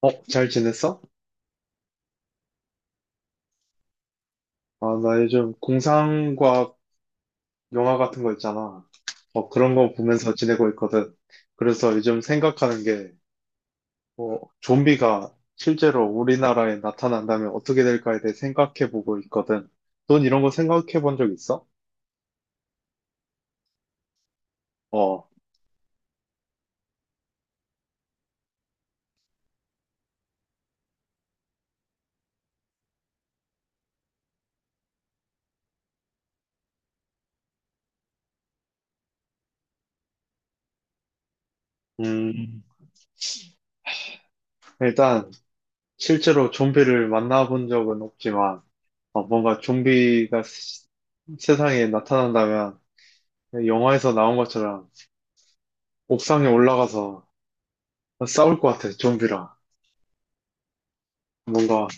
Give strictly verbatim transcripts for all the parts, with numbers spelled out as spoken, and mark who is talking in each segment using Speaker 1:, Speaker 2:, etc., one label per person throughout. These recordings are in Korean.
Speaker 1: 어, 잘 지냈어? 아, 나 요즘 공상과학 영화 같은 거 있잖아. 어, 그런 거 보면서 지내고 있거든. 그래서 요즘 생각하는 게, 어, 좀비가 실제로 우리나라에 나타난다면 어떻게 될까에 대해 생각해 보고 있거든. 넌 이런 거 생각해 본 적 있어? 어, 음, 일단, 실제로 좀비를 만나본 적은 없지만, 어, 뭔가 좀비가 시- 세상에 나타난다면, 영화에서 나온 것처럼 옥상에 올라가서 싸울 것 같아, 좀비랑. 뭔가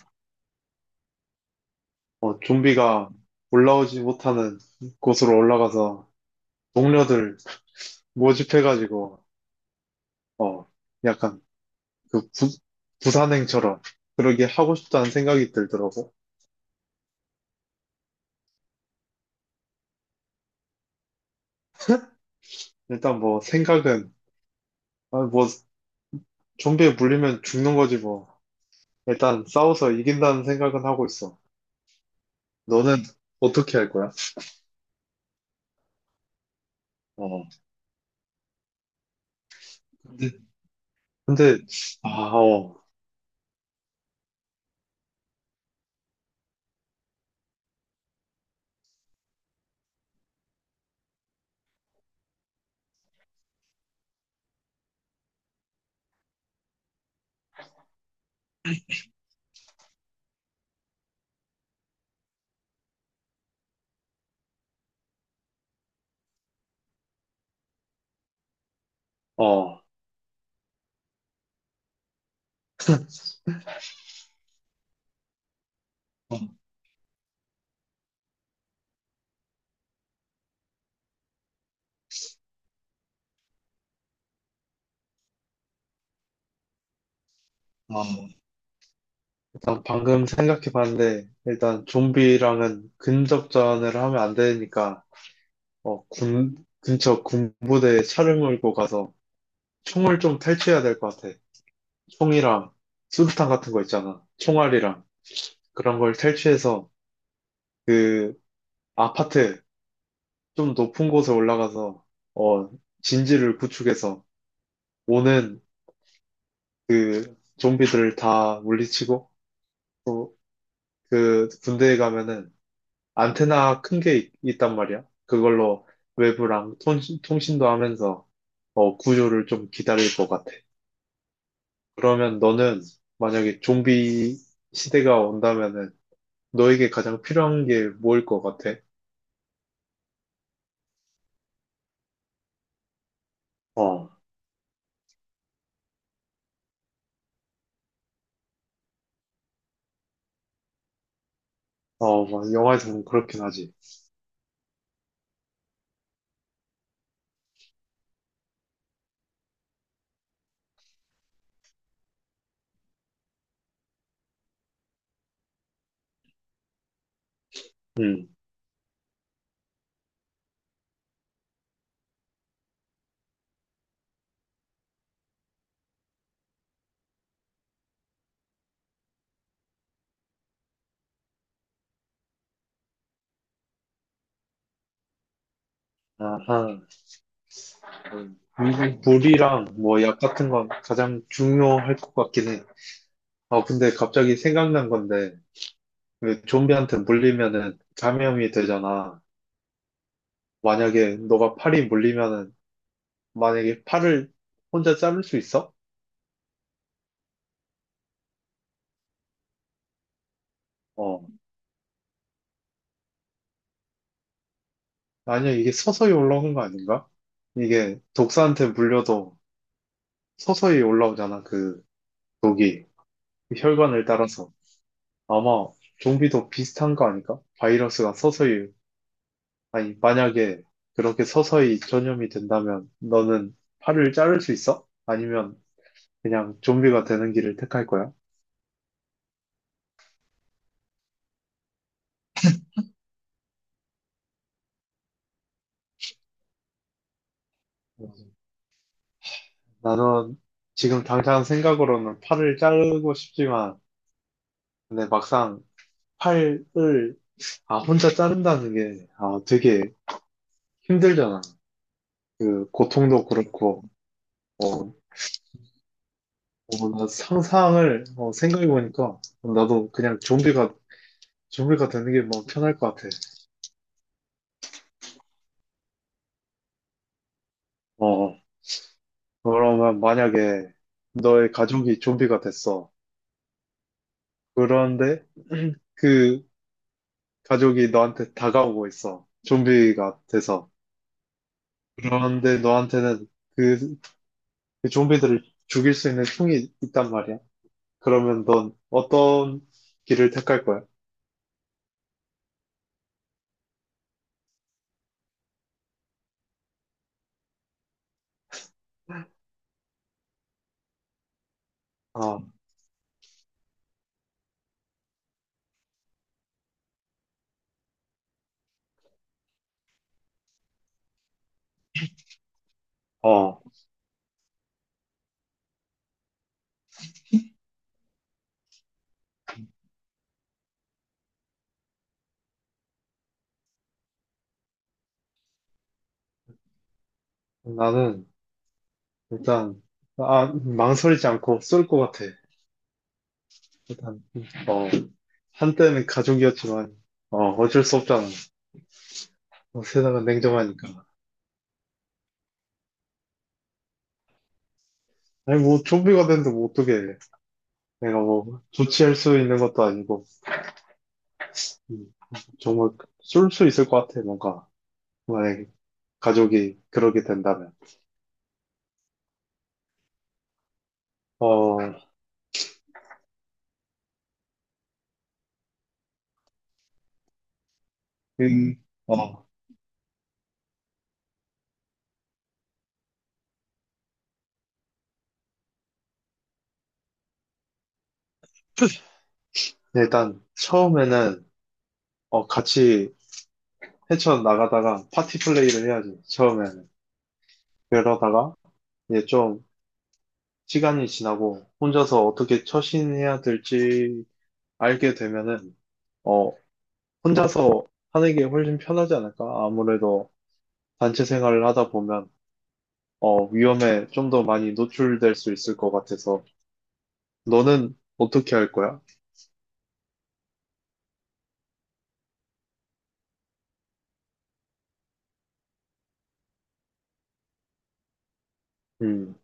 Speaker 1: 어, 좀비가 올라오지 못하는 곳으로 올라가서 동료들 모집해가지고 어 약간 그 부, 부산행처럼 그러게 하고 싶다는 생각이 들더라고. 일단 뭐 생각은 아, 뭐 좀비에 물리면 죽는 거지 뭐. 일단 싸워서 이긴다는 생각은 하고 있어. 너는 어떻게 할 거야? 어 근데 근데 아 어 어, 어, 어, 일단 방금 생각해 봤는데, 일단 좀비랑은 근접전을 하면 안 되니까, 어, 군, 근처 군부대에 차를 몰고 가서 총을 좀 탈취해야 될 것 같아. 총이랑 수류탄 같은 거 있잖아. 총알이랑 그런 걸 탈취해서 그 아파트 좀 높은 곳에 올라가서, 어, 진지를 구축해서 오는 그 좀비들을 다 물리치고, 또 그 군대에 가면은 안테나 큰 게 있단 말이야. 그걸로 외부랑 통신, 통신도 하면서 어, 구조를 좀 기다릴 것 같아. 그러면 너는 만약에 좀비 시대가 온다면은 너에게 가장 필요한 게 뭐일 것 같아? 어, 어, 막 영화에서 보면 그렇긴 하지. 음, 아하. 음. 물- 물이랑 뭐 약 같은 건 가장 중요할 것 같긴 해. 어, 근데 갑자기 생각난 건데, 왜 좀비한테 물리면은 감염이 되잖아. 만약에 너가 팔이 물리면은 만약에 팔을 혼자 자를 수 있어? 어. 아니야, 이게 서서히 올라오는 거 아닌가? 이게 독사한테 물려도 서서히 올라오잖아, 그 독이. 그 혈관을 따라서. 아마 좀비도 비슷한 거 아닐까? 바이러스가 서서히, 아니, 만약에 그렇게 서서히 전염이 된다면 너는 팔을 자를 수 있어? 아니면 그냥 좀비가 되는 길을 택할 거야? 나는 지금 당장 생각으로는 팔을 자르고 싶지만 근데 막상 팔을 아 혼자 자른다는 게 아 되게 힘들잖아. 그 고통도 그렇고. 어, 어, 나 상상을 어, 생각해보니까 나도 그냥 좀비가 좀비가 되는 게 뭐 편할 것 같아. 어 그러면 만약에 너의 가족이 좀비가 됐어. 그런데 그 가족이 너한테 다가오고 있어. 좀비가 돼서. 그런데 너한테는 그, 그 좀비들을 죽일 수 있는 총이 있단 말이야. 그러면 넌 어떤 길을 택할 거야? 아, 어. 나는 일단 아, 망설이지 않고 쏠 것 같아. 일단 어, 한때는 가족이었지만 어, 어쩔 수 없잖아. 어, 세상은 냉정하니까. 아니 뭐 좀비가 됐는데 뭐 어떻게 내가 뭐 조치할 수 있는 것도 아니고. 음, 정말 쏠 수 있을 것 같아. 뭔가 만약에 가족이 그러게 된다면. 어, 음, 어, 일단 처음에는 어, 같이 헤쳐나가다가 파티 플레이를 해야지, 처음에는. 그러다가 이제 좀 시간이 지나고 혼자서 어떻게 처신해야 될지 알게 되면은, 어, 혼자서 하는 게 훨씬 편하지 않을까? 아무래도 단체 생활을 하다 보면, 어, 위험에 좀 더 많이 노출될 수 있을 것 같아서. 너는 어떻게 할 거야? 음,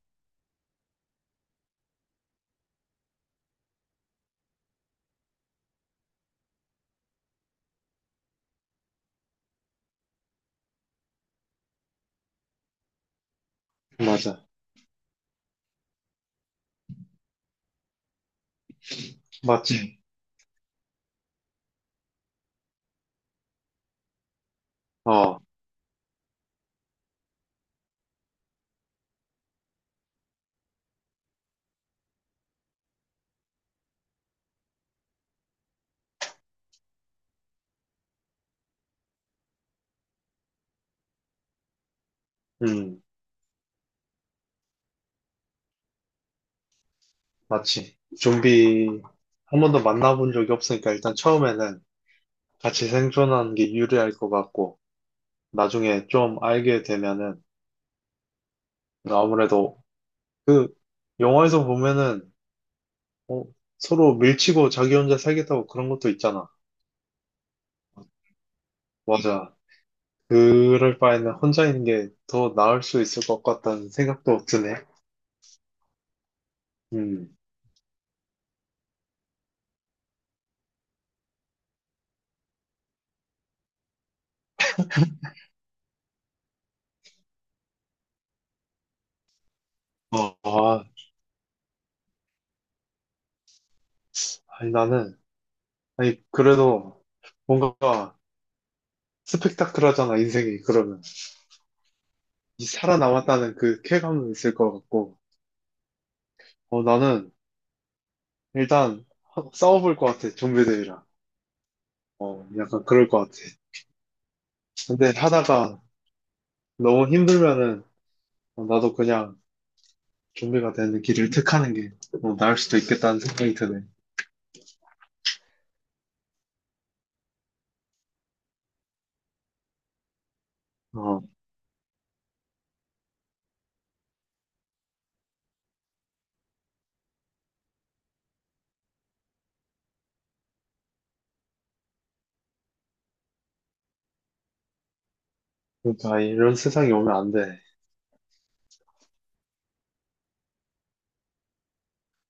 Speaker 1: 맞아. 맞지. 음, 어, 음, 맞지. 좀비 한 번도 만나본 적이 없으니까 일단 처음에는 같이 생존하는 게 유리할 것 같고, 나중에 좀 알게 되면은, 그러니까 아무래도 그, 영화에서 보면은, 어, 서로 밀치고 자기 혼자 살겠다고 그런 것도 있잖아. 맞아. 그럴 바에는 혼자 있는 게 더 나을 수 있을 것 같다는 생각도 드네. 음. 어, 아, 아니, 나는, 아니, 그래도 뭔가 스펙타클하잖아, 인생이. 그러면. 이 살아남았다는 그 쾌감도 있을 것 같고, 어, 나는 일단 싸워볼 것 같아, 좀비들이랑. 어, 약간 그럴 것 같아. 근데 하다가 너무 힘들면은 어, 나도 그냥 준비가 되는 길을 택하는 게 어, 나을 수도 있겠다는 생각이 드네. 어, 그러니까 이런 세상이 오면 안 돼.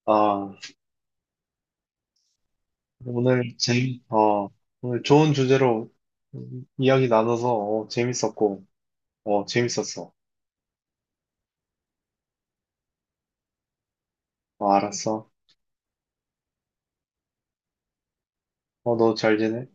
Speaker 1: 아, 오늘 재미, 어, 오늘 좋은 주제로 이야기 나눠서 어, 재밌었고, 어, 재밌었어. 어, 알았어. 어, 너 잘 지내?